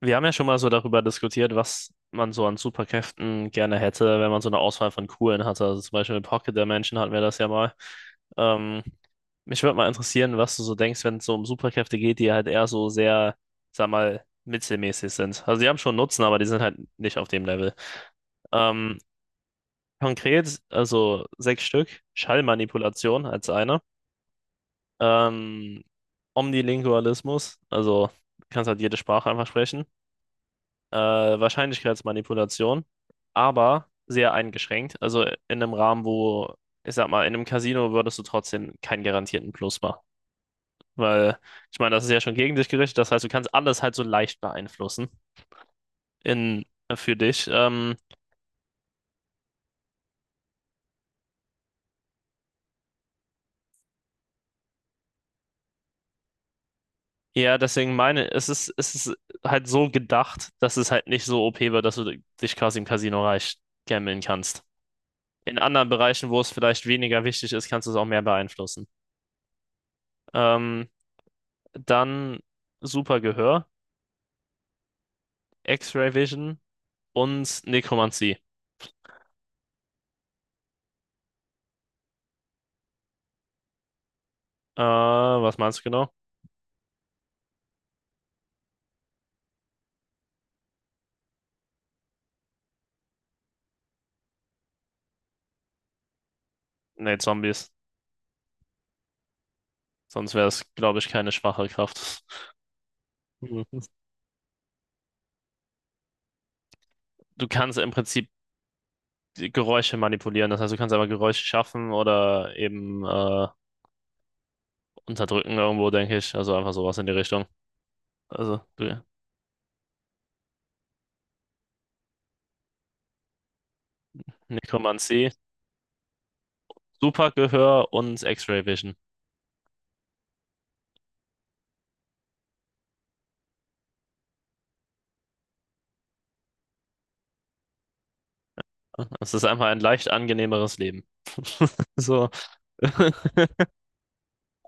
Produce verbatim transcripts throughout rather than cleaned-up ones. Wir haben ja schon mal so darüber diskutiert, was man so an Superkräften gerne hätte, wenn man so eine Auswahl von coolen hatte. Also zum Beispiel mit Pocket Dimension hatten wir das ja mal. Ähm, mich würde mal interessieren, was du so denkst, wenn es so um Superkräfte geht, die halt eher so sehr, sag mal, mittelmäßig sind. Also die haben schon Nutzen, aber die sind halt nicht auf dem Level. Ähm, konkret, also sechs Stück, Schallmanipulation als eine. Ähm, Omnilingualismus, also du kannst halt jede Sprache einfach sprechen. Äh, Wahrscheinlichkeitsmanipulation, aber sehr eingeschränkt. Also in einem Rahmen, wo, ich sag mal, in einem Casino würdest du trotzdem keinen garantierten Plus machen. Weil, ich meine, das ist ja schon gegen dich gerichtet. Das heißt, du kannst alles halt so leicht beeinflussen in, für dich. Ähm, ja, deswegen meine, es ist, es ist halt so gedacht, dass es halt nicht so O P wird, dass du dich quasi im Casino reich gambeln kannst. In anderen Bereichen, wo es vielleicht weniger wichtig ist, kannst du es auch mehr beeinflussen. Ähm, dann super Gehör. X-Ray Vision und Nekromantie. Äh, was meinst du genau? Nee, Zombies. Sonst wäre es, glaube ich, keine schwache Kraft. Mhm. Du kannst im Prinzip die Geräusche manipulieren. Das heißt, du kannst aber Geräusche schaffen oder eben äh, unterdrücken irgendwo, denke ich. Also einfach sowas in die Richtung. Also du- Nekromantie, Supergehör und X-Ray Vision. Es ist einfach ein leicht angenehmeres Leben. So.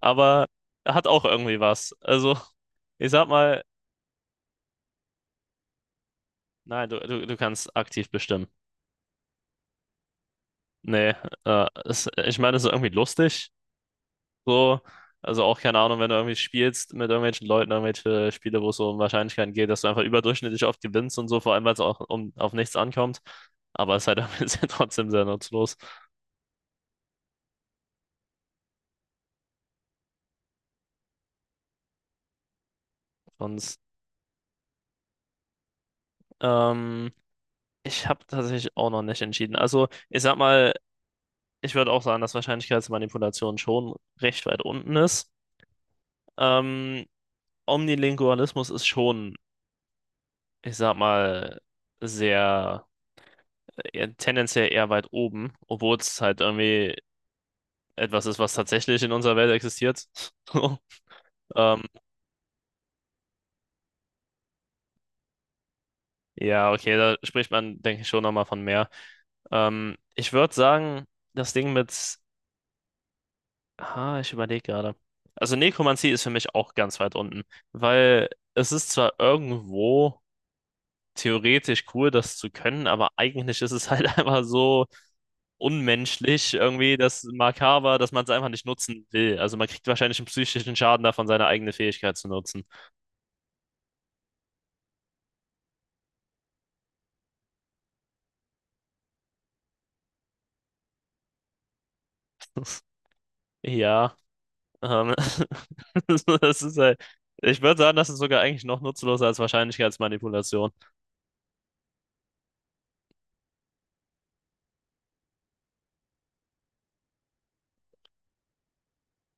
Aber hat auch irgendwie was. Also, ich sag mal. Nein, du, du, du kannst aktiv bestimmen. Nee, äh, es, ich meine, es ist irgendwie lustig. So, also auch keine Ahnung, wenn du irgendwie spielst mit irgendwelchen Leuten, irgendwelche Spiele, wo es so um Wahrscheinlichkeiten geht, dass du einfach überdurchschnittlich oft gewinnst und so, vor allem, weil es auch um, auf nichts ankommt. Aber es ist halt irgendwie sehr- trotzdem sehr nutzlos. Sonst, ähm, ich habe tatsächlich auch noch nicht entschieden. Also, ich sag mal, ich würde auch sagen, dass Wahrscheinlichkeitsmanipulation schon recht weit unten ist. Ähm, Omnilingualismus ist schon, ich sag mal, sehr, eher, tendenziell eher weit oben, obwohl es halt irgendwie etwas ist, was tatsächlich in unserer Welt existiert. Ähm, ja, okay, da spricht man, denke ich, schon nochmal von mehr. Ähm, ich würde sagen, das Ding mit, ah, ich überlege gerade. Also Nekromantie ist für mich auch ganz weit unten, weil es ist zwar irgendwo theoretisch cool, das zu können, aber eigentlich ist es halt einfach so unmenschlich irgendwie, das Makaber, dass man es einfach nicht nutzen will. Also man kriegt wahrscheinlich einen psychischen Schaden davon, seine eigene Fähigkeit zu nutzen. Ja, ähm, das ist halt, ich würde sagen, das ist sogar eigentlich noch nutzloser als Wahrscheinlichkeitsmanipulation.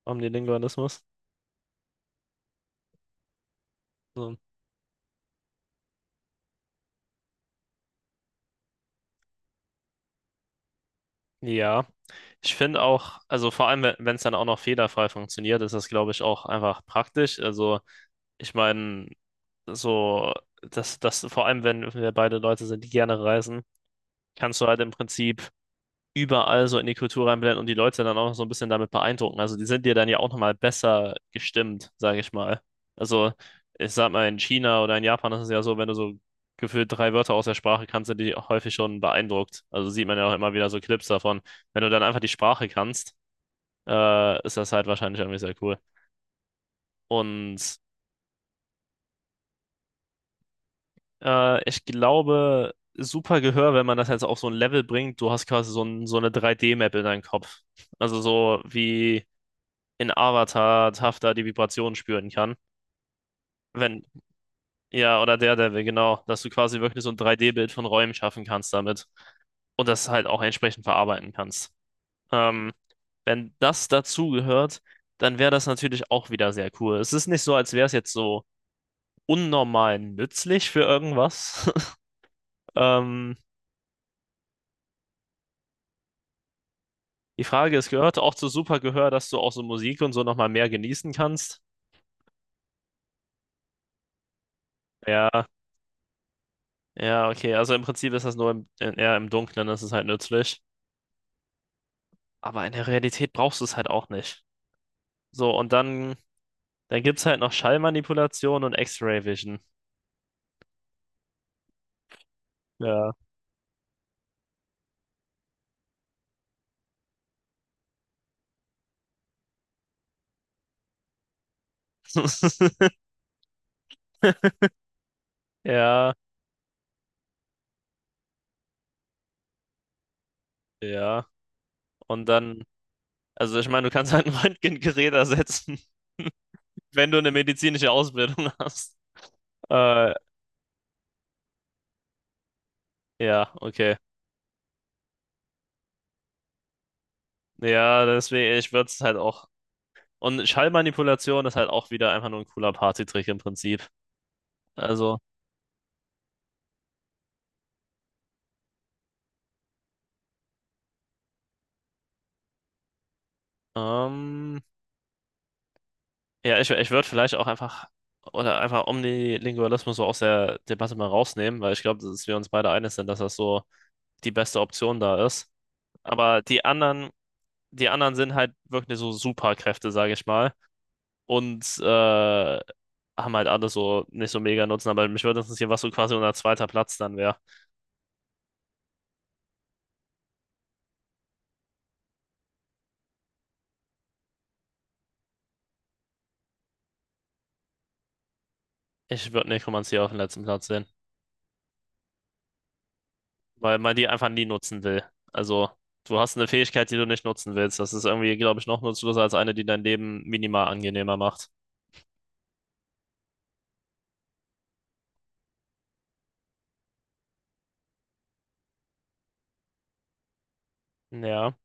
Omnilingualismus. So. Ja, ich finde auch, also vor allem, wenn es dann auch noch fehlerfrei funktioniert, ist das, glaube ich, auch einfach praktisch. Also ich meine, so, dass das vor allem, wenn wir beide Leute sind, die gerne reisen, kannst du halt im Prinzip überall so in die Kultur reinblenden und die Leute dann auch noch so ein bisschen damit beeindrucken. Also die sind dir dann ja auch nochmal besser gestimmt, sage ich mal. Also ich sag mal, in China oder in Japan ist es ja so, wenn du so gefühlt drei Wörter aus der Sprache kannst, sind die auch häufig schon beeindruckt. Also sieht man ja auch immer wieder so Clips davon. Wenn du dann einfach die Sprache kannst, äh, ist das halt wahrscheinlich irgendwie sehr cool. Und äh, ich glaube, super Gehör, wenn man das jetzt auf so ein Level bringt, du hast quasi so, ein, so eine drei D-Map in deinem Kopf. Also so wie in Avatar hafter die Vibrationen spüren kann. Wenn, ja, oder Daredevil, genau, dass du quasi wirklich so ein drei D-Bild von Räumen schaffen kannst damit und das halt auch entsprechend verarbeiten kannst. Ähm, wenn das dazu gehört, dann wäre das natürlich auch wieder sehr cool. Es ist nicht so, als wäre es jetzt so unnormal nützlich für irgendwas. Ähm, die Frage ist, gehört auch zu Supergehör, dass du auch so Musik und so nochmal mehr genießen kannst? Ja, ja, okay. Also im Prinzip ist das nur im, eher im Dunkeln, das ist halt nützlich. Aber in der Realität brauchst du es halt auch nicht. So, und dann, dann gibt es halt noch Schallmanipulation und X-Ray Vision. Ja. Ja, ja. Und dann, also ich meine, du kannst halt ein Röntgengerät ersetzen, wenn du eine medizinische Ausbildung hast. Äh, ja, okay. Ja, deswegen, ich würde es halt auch. Und Schallmanipulation ist halt auch wieder einfach nur ein cooler Partytrick im Prinzip. Also, ähm. Ja, ich, ich würde vielleicht auch einfach, oder einfach Omnilingualismus so aus der Debatte mal rausnehmen, weil ich glaube, dass wir uns beide einig sind, dass das so die beste Option da ist. Aber die anderen, die anderen sind halt wirklich so Superkräfte, sage ich mal. Und äh, haben halt alle so nicht so mega Nutzen. Aber mich würde interessieren, was so quasi unser zweiter Platz dann wäre. Ich würde Nekromantie auf den letzten Platz sehen, weil man die einfach nie nutzen will. Also, du hast eine Fähigkeit, die du nicht nutzen willst. Das ist irgendwie, glaube ich, noch nutzloser als eine, die dein Leben minimal angenehmer macht. Ja,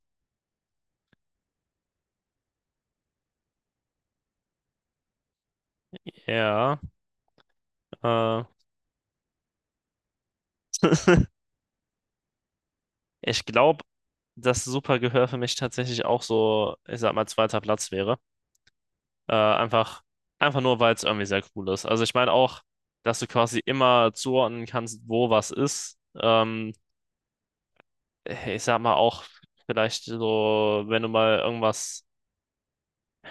ja. Äh, ich glaube, dass super Gehör für mich tatsächlich auch so, ich sag mal, zweiter Platz wäre. Äh, einfach, einfach nur, weil es irgendwie sehr cool ist. Also ich meine auch, dass du quasi immer zuordnen kannst, wo was ist. Ähm, ich sag mal auch, vielleicht so, wenn du mal irgendwas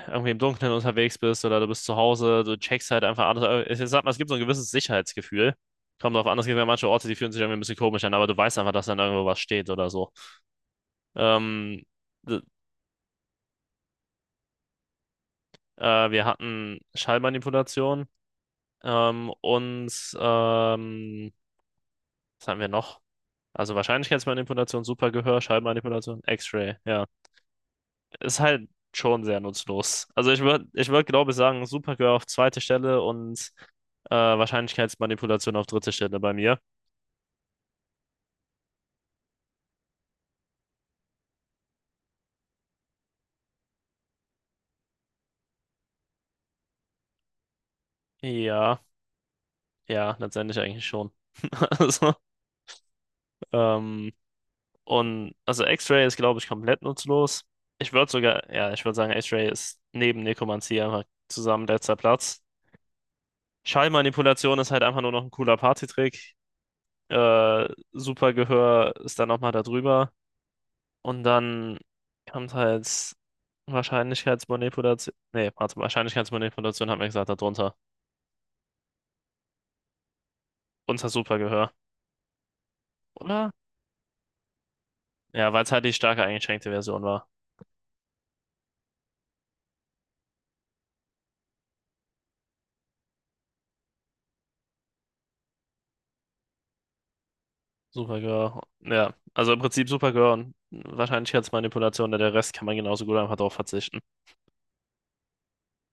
irgendwie im Dunkeln unterwegs bist oder du bist zu Hause, du checkst halt einfach alles. Äh, Ich sag mal, es gibt so ein gewisses Sicherheitsgefühl. Kommt drauf an, es gibt ja manche Orte, die fühlen sich irgendwie ein bisschen komisch an, aber du weißt einfach, dass dann irgendwo was steht oder so. Ähm, d- äh, wir hatten Schallmanipulation ähm, und ähm, was hatten wir noch? Also Wahrscheinlichkeitsmanipulation, Supergehör, Schallmanipulation, X-Ray, ja. Ist halt schon sehr nutzlos. Also ich würde, ich würde, glaube ich, sagen, Supergehör auf zweite Stelle und äh, Wahrscheinlichkeitsmanipulation auf dritte Stelle bei mir. Ja, ja, letztendlich eigentlich schon. Also, ähm, und also X-Ray ist, glaube ich, komplett nutzlos. Ich würde sogar, ja, ich würde sagen, X-Ray ist neben Nekromantie einfach zusammen letzter Platz. Schallmanipulation ist halt einfach nur noch ein cooler Partytrick. Äh, Supergehör ist dann nochmal da drüber. Und dann kommt halt Wahrscheinlichkeitsmanipulation. Nee, warte, Wahrscheinlichkeitsmanipulation hat man gesagt, da drunter. Unter Supergehör, oder? Ja, weil es halt die starke eingeschränkte Version war. Supergirl. Ja, also im Prinzip Supergirl und Wahrscheinlichkeitsmanipulation, denn der Rest kann man genauso gut einfach darauf verzichten.